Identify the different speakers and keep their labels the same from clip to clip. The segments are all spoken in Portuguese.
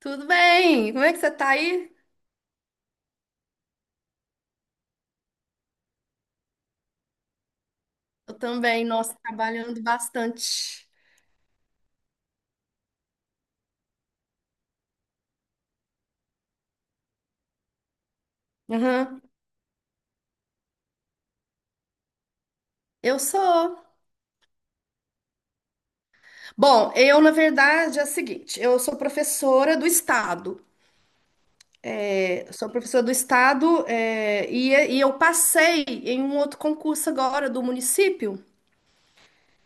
Speaker 1: Tudo bem? Como é que você tá aí? Eu também, nossa, trabalhando bastante. Aham. Eu sou. Bom, eu, na verdade, é o seguinte: eu sou professora do Estado. Sou professora do Estado, e eu passei em um outro concurso agora do município,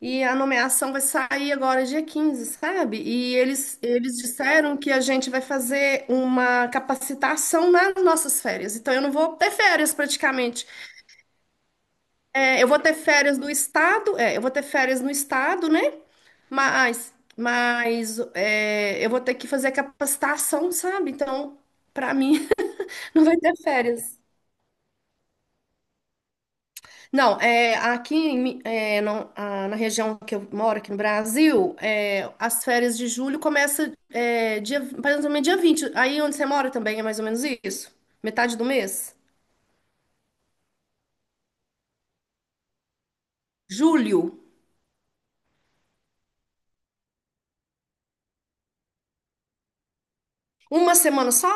Speaker 1: e a nomeação vai sair agora dia 15, sabe? E eles disseram que a gente vai fazer uma capacitação nas nossas férias. Então, eu não vou ter férias praticamente. É, eu vou ter férias no estado, é, eu vou ter férias no estado, né? Mas é, eu vou ter que fazer capacitação, sabe? Então, para mim, não vai ter férias. Não, é, é, na região que eu moro, aqui no Brasil, é, as férias de julho começam é, dia, mais ou menos dia 20. Aí onde você mora também é mais ou menos isso? Metade do mês? Julho. Uma semana só?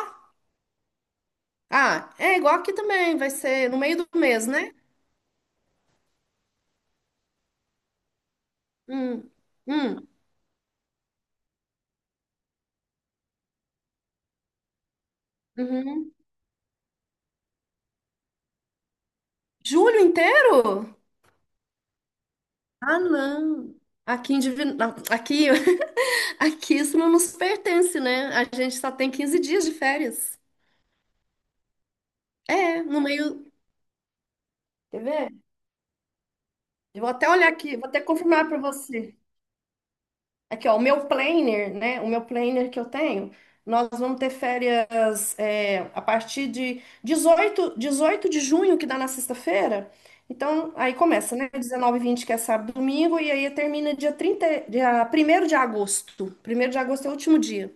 Speaker 1: Ah, é igual aqui também, vai ser no meio do mês, né? Hum, hum, uhum. Julho inteiro? Ah, não. Aqui em Divino... Aqui, aqui isso não nos pertence, né? A gente só tem 15 dias de férias. É, no meio. Quer ver? Eu vou até olhar aqui, vou até confirmar para você. Aqui, ó, o meu planner, né? O meu planner que eu tenho, nós vamos ter férias é, a partir de 18 18 de junho, que dá na sexta-feira. Então, aí começa, né? 19 e 20, que é sábado e domingo, e aí termina dia 30, dia primeiro de agosto. Primeiro de agosto é o último dia.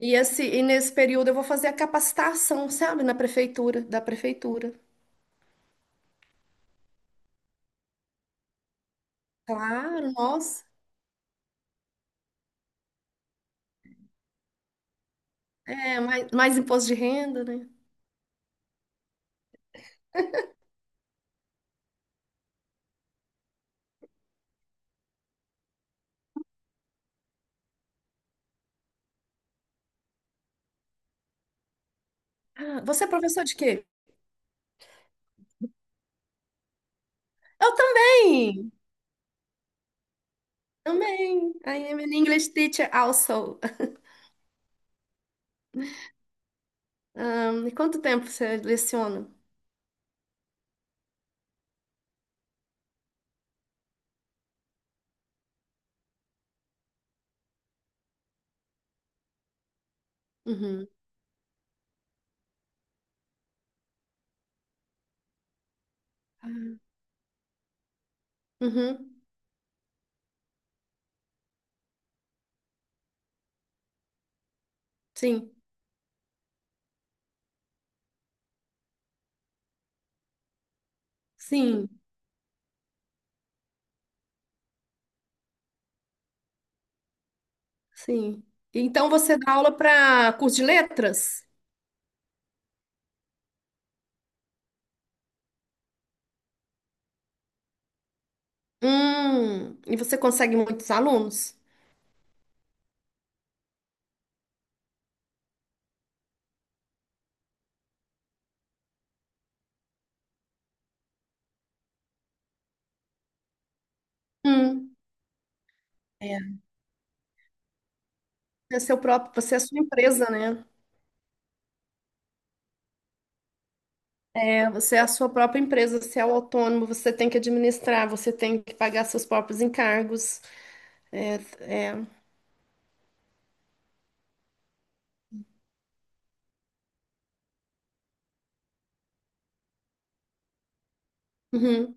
Speaker 1: E nesse período eu vou fazer a capacitação, sabe? Na prefeitura, da prefeitura. Claro, nossa. É, mais imposto de renda, né? Ah, você é professor de quê? Eu também! Também. I am an English teacher also. E quanto tempo você leciona? Uhum. Uhum. Sim, sim, sim. Então você dá aula para curso de letras? Hum. E você consegue muitos alunos? Hum. É. É seu próprio, você é a sua empresa, né? É, você é a sua própria empresa, você é o autônomo, você tem que administrar, você tem que pagar seus próprios encargos. É, é. Uhum.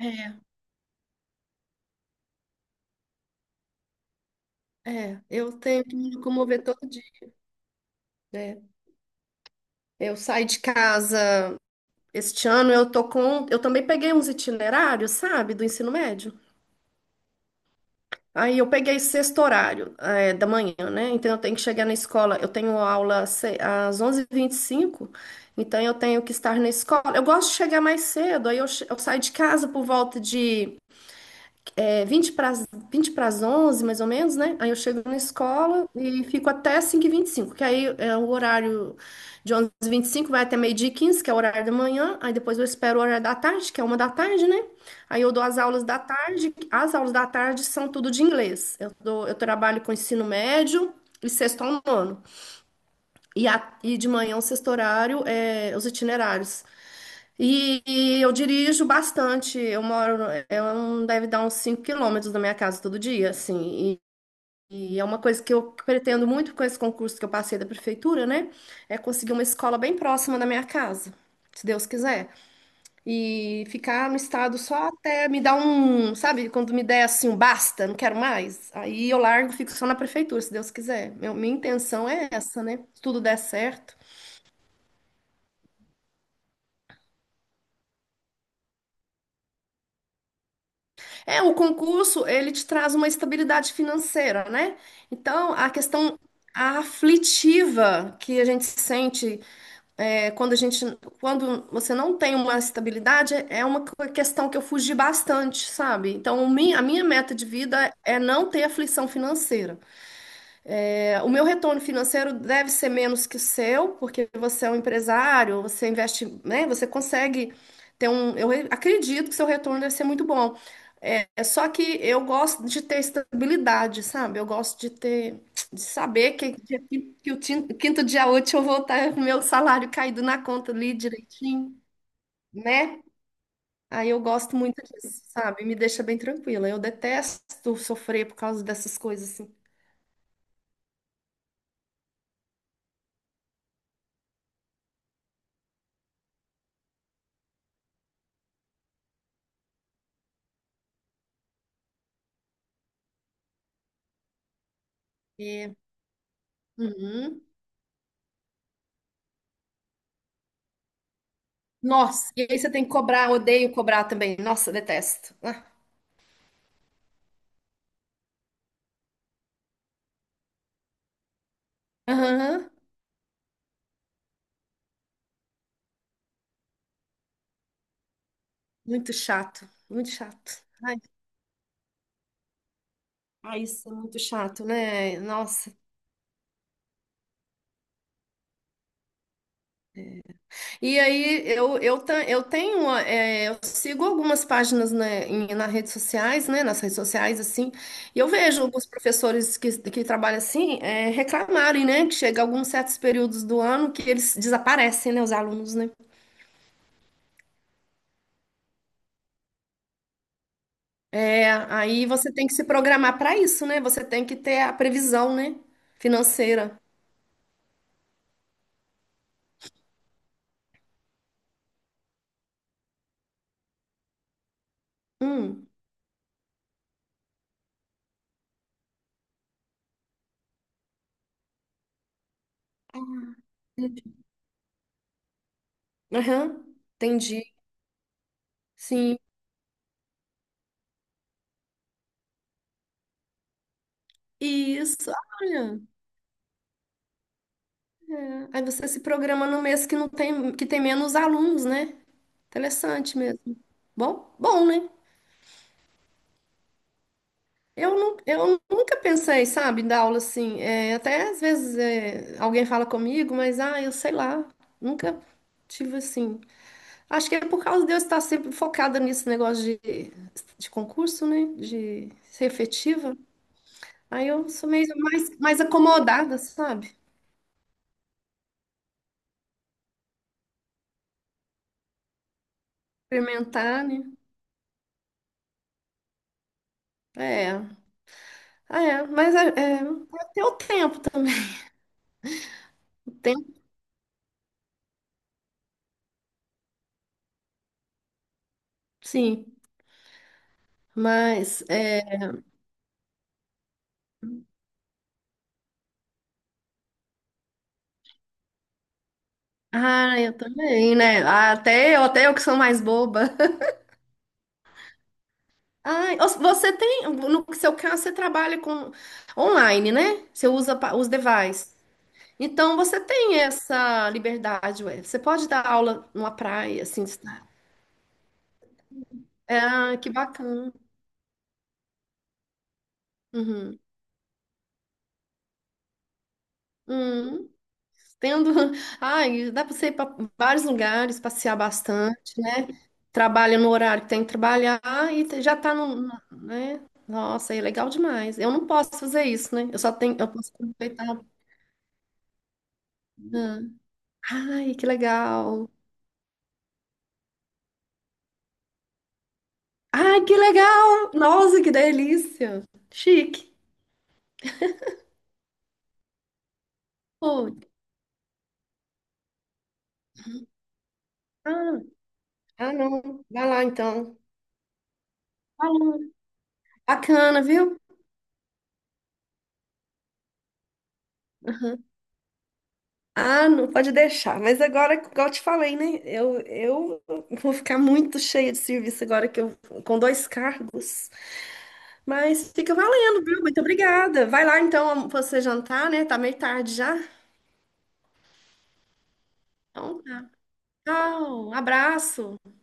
Speaker 1: É, é. Eu tenho que me locomover todo dia. É. Eu saí de casa este ano, eu tô com, eu também peguei uns itinerários, sabe, do ensino médio. Aí eu peguei sexto horário, da manhã, né? Então eu tenho que chegar na escola. Eu tenho aula às onze e vinte e cinco, então eu tenho que estar na escola. Eu gosto de chegar mais cedo, aí eu saio de casa por volta de É 20 para, as- 20 para as 11 mais ou menos, né? Aí eu chego na escola e fico até cinco e vinte e cinco, que aí é o horário de onze e vinte e cinco, vai até meio-dia e 15, que é o horário da manhã. Aí depois eu espero o horário da tarde, que é uma da tarde, né? Aí eu dou as aulas da tarde. As aulas da tarde são tudo de inglês. Eu trabalho com ensino médio e sexto ao nono. E de manhã o sexto horário é os itinerários. E eu dirijo bastante. Eu moro, no- eu não deve dar uns 5 quilômetros da minha casa todo dia, assim. E é uma coisa que eu pretendo muito com esse concurso que eu passei da prefeitura, né? É conseguir uma escola bem próxima da minha casa, se Deus quiser. E ficar no estado só até me dar um, sabe, quando me der assim um basta, não quero mais. Aí eu largo, fico só na prefeitura, se Deus quiser. Minha intenção é essa, né? Se tudo der certo. É, o concurso, ele te traz uma estabilidade financeira, né? Então, a questão aflitiva que a gente sente é, quando a gente, quando você não tem uma estabilidade, é uma questão que eu fugi bastante, sabe? Então, a minha meta de vida é não ter aflição financeira. É, o meu retorno financeiro deve ser menos que o seu, porque você é um empresário, você investe, né? Você consegue ter um. Eu acredito que seu retorno deve ser muito bom. É, é só que eu gosto de ter estabilidade, sabe? Eu gosto de ter, de saber que quinto dia útil eu vou estar com o meu salário caído na conta ali direitinho, né? Aí eu gosto muito disso, sabe? Me deixa bem tranquila. Eu detesto sofrer por causa dessas coisas assim. É. Uhum. Nossa, e aí você tem que cobrar, odeio cobrar também. Nossa, detesto. Ah. Aham. Muito chato, muito chato. Ai, ai, isso é muito chato, né? Nossa. E aí eu, ta- eu tenho, é, eu sigo algumas páginas, né, nas redes sociais, né? Nas redes sociais, assim, e eu vejo alguns professores que trabalham assim, é, reclamarem, né? Que chega alguns certos períodos do ano que eles desaparecem, né? Os alunos, né? É, aí você tem que se programar para isso, né? Você tem que ter a previsão, né? Financeira. Hum. Entendi. Aham, entendi. Sim. Isso, olha. Aí você se programa no mês que não tem, que tem menos alunos, né? Interessante mesmo. Bom, bom, né? Eu nunca pensei, sabe, em dar aula assim. É, até às vezes é, alguém fala comigo, mas ah, eu sei lá, nunca tive assim. Acho que é por causa de eu estar sempre focada nesse negócio de concurso, né? De ser efetiva. Aí eu sou meio mais, mais acomodada, sabe? Experimentar, né? É. Ah, é. Mas é, é, até o tempo também. Tempo, sim. Mas, é... Ah, eu também, né? Ah, até eu, até eu que sou mais boba. Ai, você tem... No seu caso, você trabalha com online, né? Você usa os devices. Então você tem essa liberdade, ué. Você pode dar aula numa praia, assim, de. Ah, que bacana. Uhum. Uhum. Tendo. Ai, dá para você ir pra vários lugares, passear bastante, né? Trabalha no horário que tem que trabalhar já tá né? Nossa, é legal demais. Eu não posso fazer isso, né? Eu só tenho. Eu posso aproveitar. Ah. Ai, que legal. Ai, que legal! Nossa, que delícia! Chique. Pô. Ah. Ah, não. Vai lá então. Falou. Bacana, viu? Aham. Ah, não pode deixar. Mas agora, igual eu te falei, né? Eu vou ficar muito cheia de serviço agora que eu com dois cargos. Mas fica valendo, viu? Muito obrigada. Vai lá então você jantar, né? Tá meio tarde já. Então tá. Tchau, abraço.